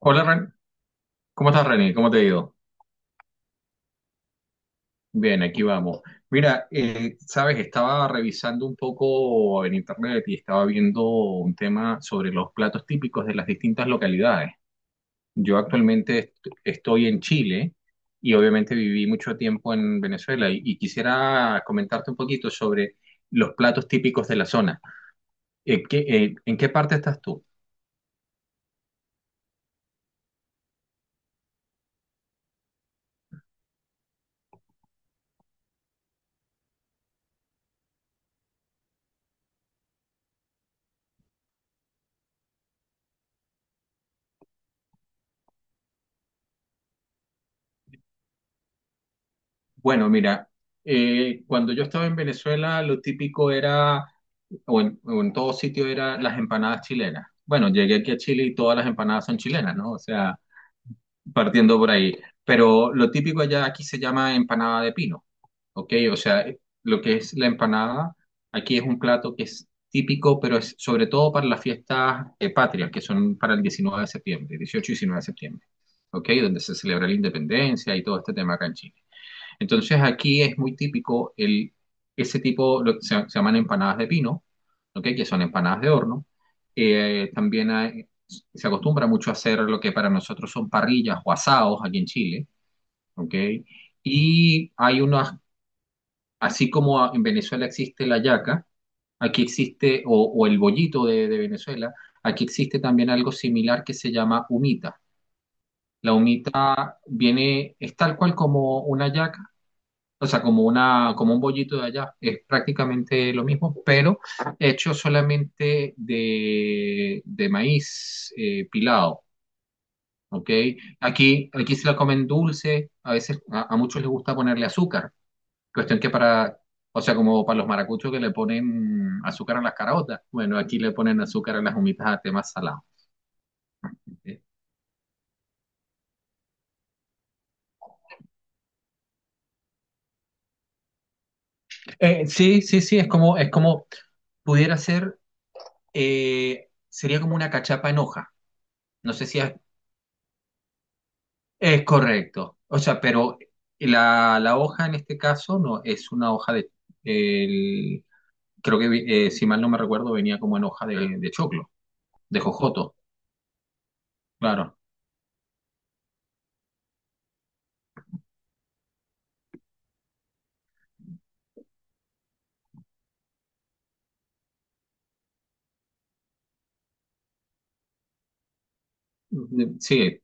Hola, Ren. ¿Cómo estás, René? ¿Cómo te ha ido? Bien, aquí vamos. Mira, sabes, estaba revisando un poco en internet y estaba viendo un tema sobre los platos típicos de las distintas localidades. Yo actualmente estoy en Chile y obviamente viví mucho tiempo en Venezuela y quisiera comentarte un poquito sobre los platos típicos de la zona. ¿en qué parte estás tú? Bueno, mira, cuando yo estaba en Venezuela, lo típico era, o en todo sitio, era las empanadas chilenas. Bueno, llegué aquí a Chile y todas las empanadas son chilenas, ¿no? O sea, partiendo por ahí. Pero lo típico allá aquí se llama empanada de pino, ¿ok? O sea, lo que es la empanada, aquí es un plato que es típico, pero es sobre todo para las fiestas patrias, que son para el 19 de septiembre, 18 y 19 de septiembre, ¿ok? Donde se celebra la independencia y todo este tema acá en Chile. Entonces aquí es muy típico el, ese tipo, lo que se llaman empanadas de pino, ¿ok? Que son empanadas de horno. Se acostumbra mucho a hacer lo que para nosotros son parrillas o asados aquí en Chile. ¿Ok? Y hay unas, así como en Venezuela existe la yaca, aquí existe, o el bollito de Venezuela, aquí existe también algo similar que se llama humita. La humita viene, es tal cual como una yaca, o sea, como una, como un bollito de allá. Es prácticamente lo mismo, pero hecho solamente de maíz pilado. ¿Ok? Aquí se la comen dulce, a veces a muchos les gusta ponerle azúcar. Cuestión que para, o sea, como para los maracuchos que le ponen azúcar a las caraotas. Bueno, aquí le ponen azúcar a las humitas a temas salados. ¿Ok? Sí, sí, sí, es como pudiera ser, sería como una cachapa en hoja. No sé si has. Es correcto. O sea, pero la hoja en este caso no es una hoja de. el- Creo que, si mal no me recuerdo, venía como en hoja de choclo, de jojoto, claro. Mm, sí,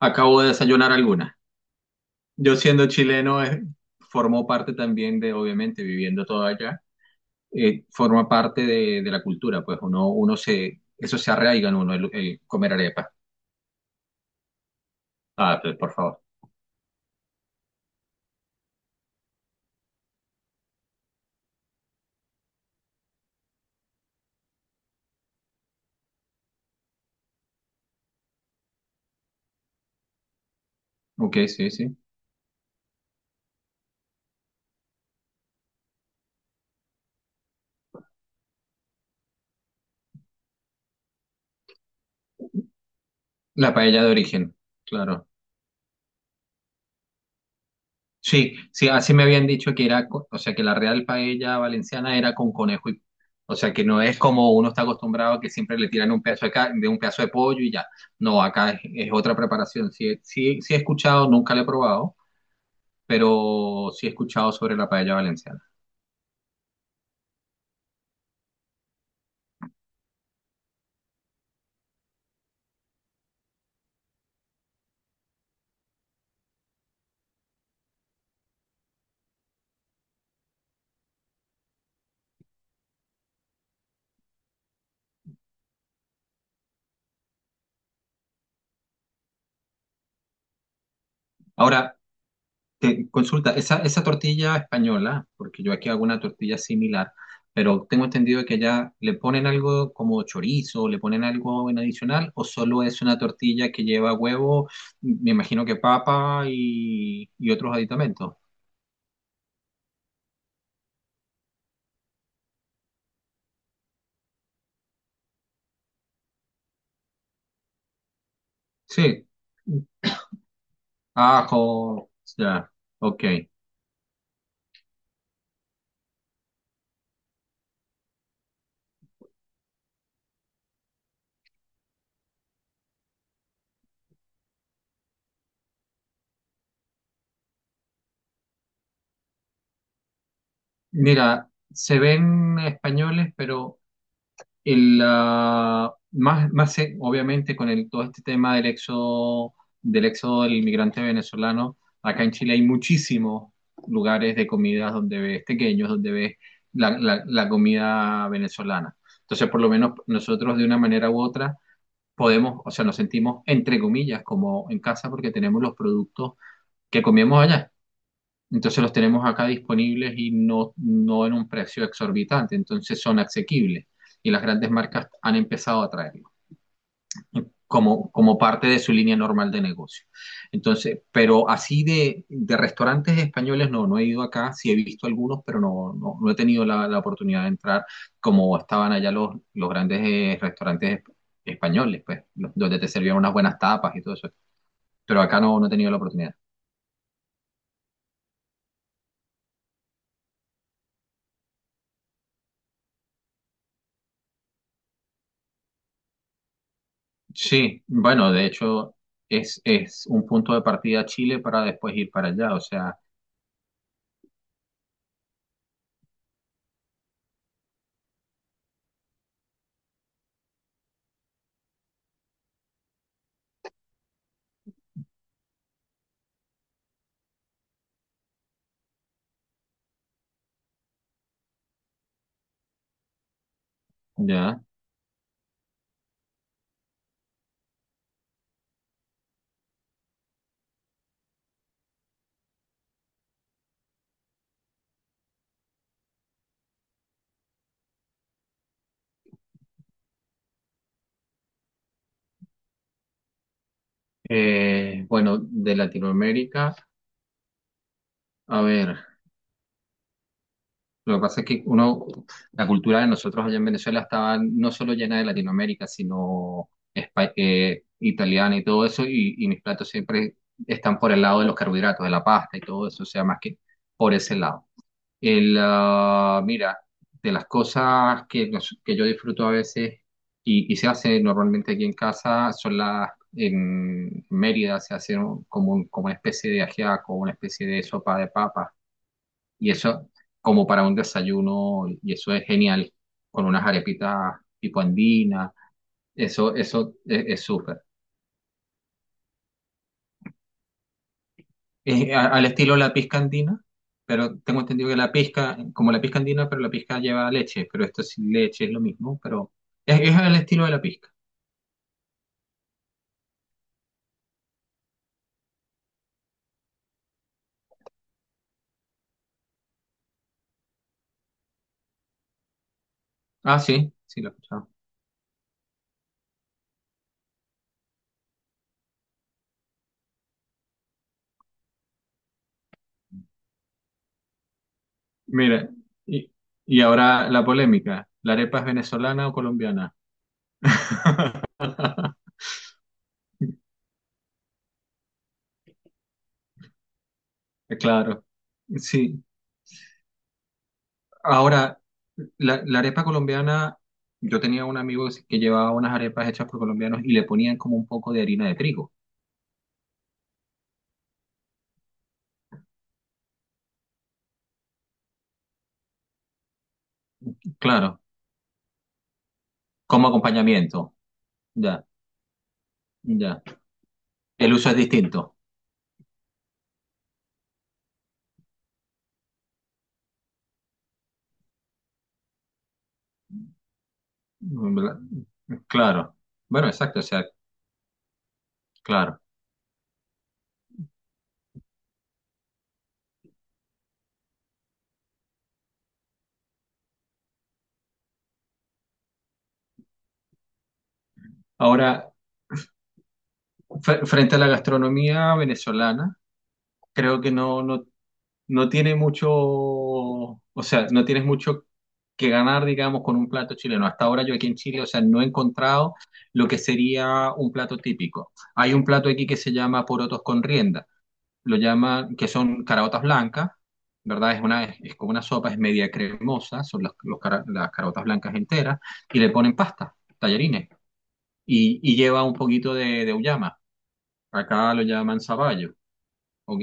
acabo de desayunar alguna. Yo siendo chileno, formó parte también de, obviamente, viviendo todo allá, forma parte de la cultura, pues uno, uno se. Eso se arraiga en uno, el comer arepa. Ah, pues, por favor. Ok, sí, sí. La paella de origen, claro. Sí, sí, así me habían dicho que era, o sea, que la real paella valenciana era con conejo y, o sea, que no es como uno está acostumbrado a que siempre le tiran un pedazo de un pedazo de pollo y ya. No, acá es otra preparación. Sí, sí, sí he escuchado, nunca la he probado, pero sí he escuchado sobre la paella valenciana. Ahora, consulta, esa tortilla española, porque yo aquí hago una tortilla similar, pero tengo entendido que allá le ponen algo como chorizo, le ponen algo en adicional, o solo es una tortilla que lleva huevo, me imagino que papa y otros aditamentos. Sí, ajo, ya, ok. Mira, se ven españoles, pero más obviamente con el, todo este tema del éxodo, del éxodo del inmigrante venezolano, acá en Chile hay muchísimos lugares de comidas donde ves pequeños, donde ves la comida venezolana. Entonces, por lo menos nosotros de una manera u otra podemos, o sea, nos sentimos entre comillas como en casa porque tenemos los productos que comemos allá. Entonces los tenemos acá disponibles y no, no en un precio exorbitante, entonces son asequibles y las grandes marcas han empezado a traerlos como parte de su línea normal de negocio. Entonces, pero así de restaurantes españoles no, no he ido acá, sí he visto algunos, pero no, no, no he tenido la oportunidad de entrar como estaban allá los grandes restaurantes españoles, pues, donde te servían unas buenas tapas y todo eso. Pero acá no, no he tenido la oportunidad. Sí, bueno, de hecho es un punto de partida Chile para después ir para allá, o sea, ya. Bueno, de Latinoamérica, a ver. Lo que pasa es que uno, la cultura de nosotros allá en Venezuela estaba no solo llena de Latinoamérica, sino italiana y todo eso, y mis platos siempre están por el lado de los carbohidratos, de la pasta y todo eso, o sea, más que por ese lado. Mira, de las cosas que, que yo disfruto a veces y se hace normalmente aquí en casa son las, en Mérida se hace como una especie de ajiaco, una especie de sopa de papas y eso como para un desayuno, y eso es genial, con unas arepitas tipo andina, eso es súper. Es al estilo la pizca andina, pero tengo entendido que la pizca, como la pizca andina, pero la pizca lleva leche, pero esto sin leche es lo mismo, pero es al estilo de la pizca. Ah, sí, sí, lo he escuchado. Mira, y, y ahora la polémica, ¿la arepa es venezolana o colombiana? Claro, sí. Ahora, la arepa colombiana, yo tenía un amigo que llevaba unas arepas hechas por colombianos y le ponían como un poco de harina de trigo, claro, como acompañamiento, ya, ya. El uso es distinto, ¿verdad? Claro, bueno, exacto, o sea, claro. Ahora, frente a la gastronomía venezolana, creo que no tiene mucho, o sea, no tienes mucho que ganar, digamos, con un plato chileno. Hasta ahora yo aquí en Chile, o sea, no he encontrado lo que sería un plato típico. Hay un plato aquí que se llama porotos con rienda, lo llaman, que son caraotas blancas, ¿verdad? Es una, es, como una sopa, es media cremosa, son las caraotas blancas enteras, y le ponen pasta, tallarines, y lleva un poquito de auyama. Acá lo llaman zapallo. ¿Ok?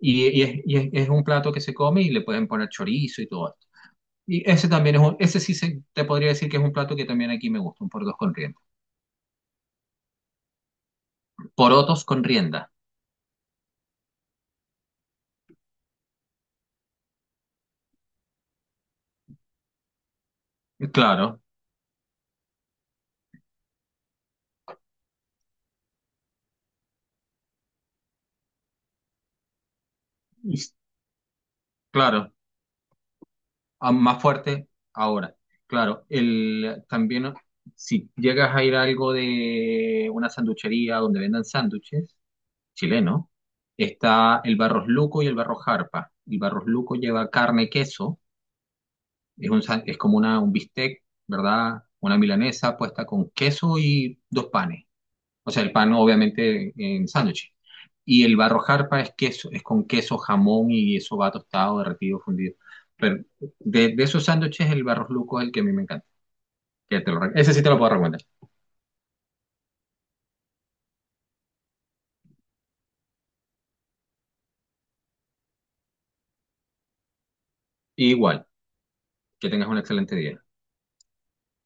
Es un plato que se come y le pueden poner chorizo y todo esto. Y ese también ese sí te podría decir que es un plato que también aquí me gusta, un porotos con rienda. Porotos con rienda, claro, y- claro, ah, más fuerte ahora. Claro, también si llegas a ir a algo de una sanduchería donde vendan sándwiches, chileno, está el Barros Luco y el Barros Jarpa. El Barros Luco lleva carne, queso. Es como una, un bistec, ¿verdad? Una milanesa puesta con queso y dos panes. O sea, el pan obviamente en sándwich. Y el barrojarpa es queso, es con queso, jamón y eso va tostado, derretido, fundido. Pero de esos sándwiches, el barros luco es el que a mí me encanta. Que te lo, re- Ese sí te lo puedo recomendar. Igual, que tengas un excelente día.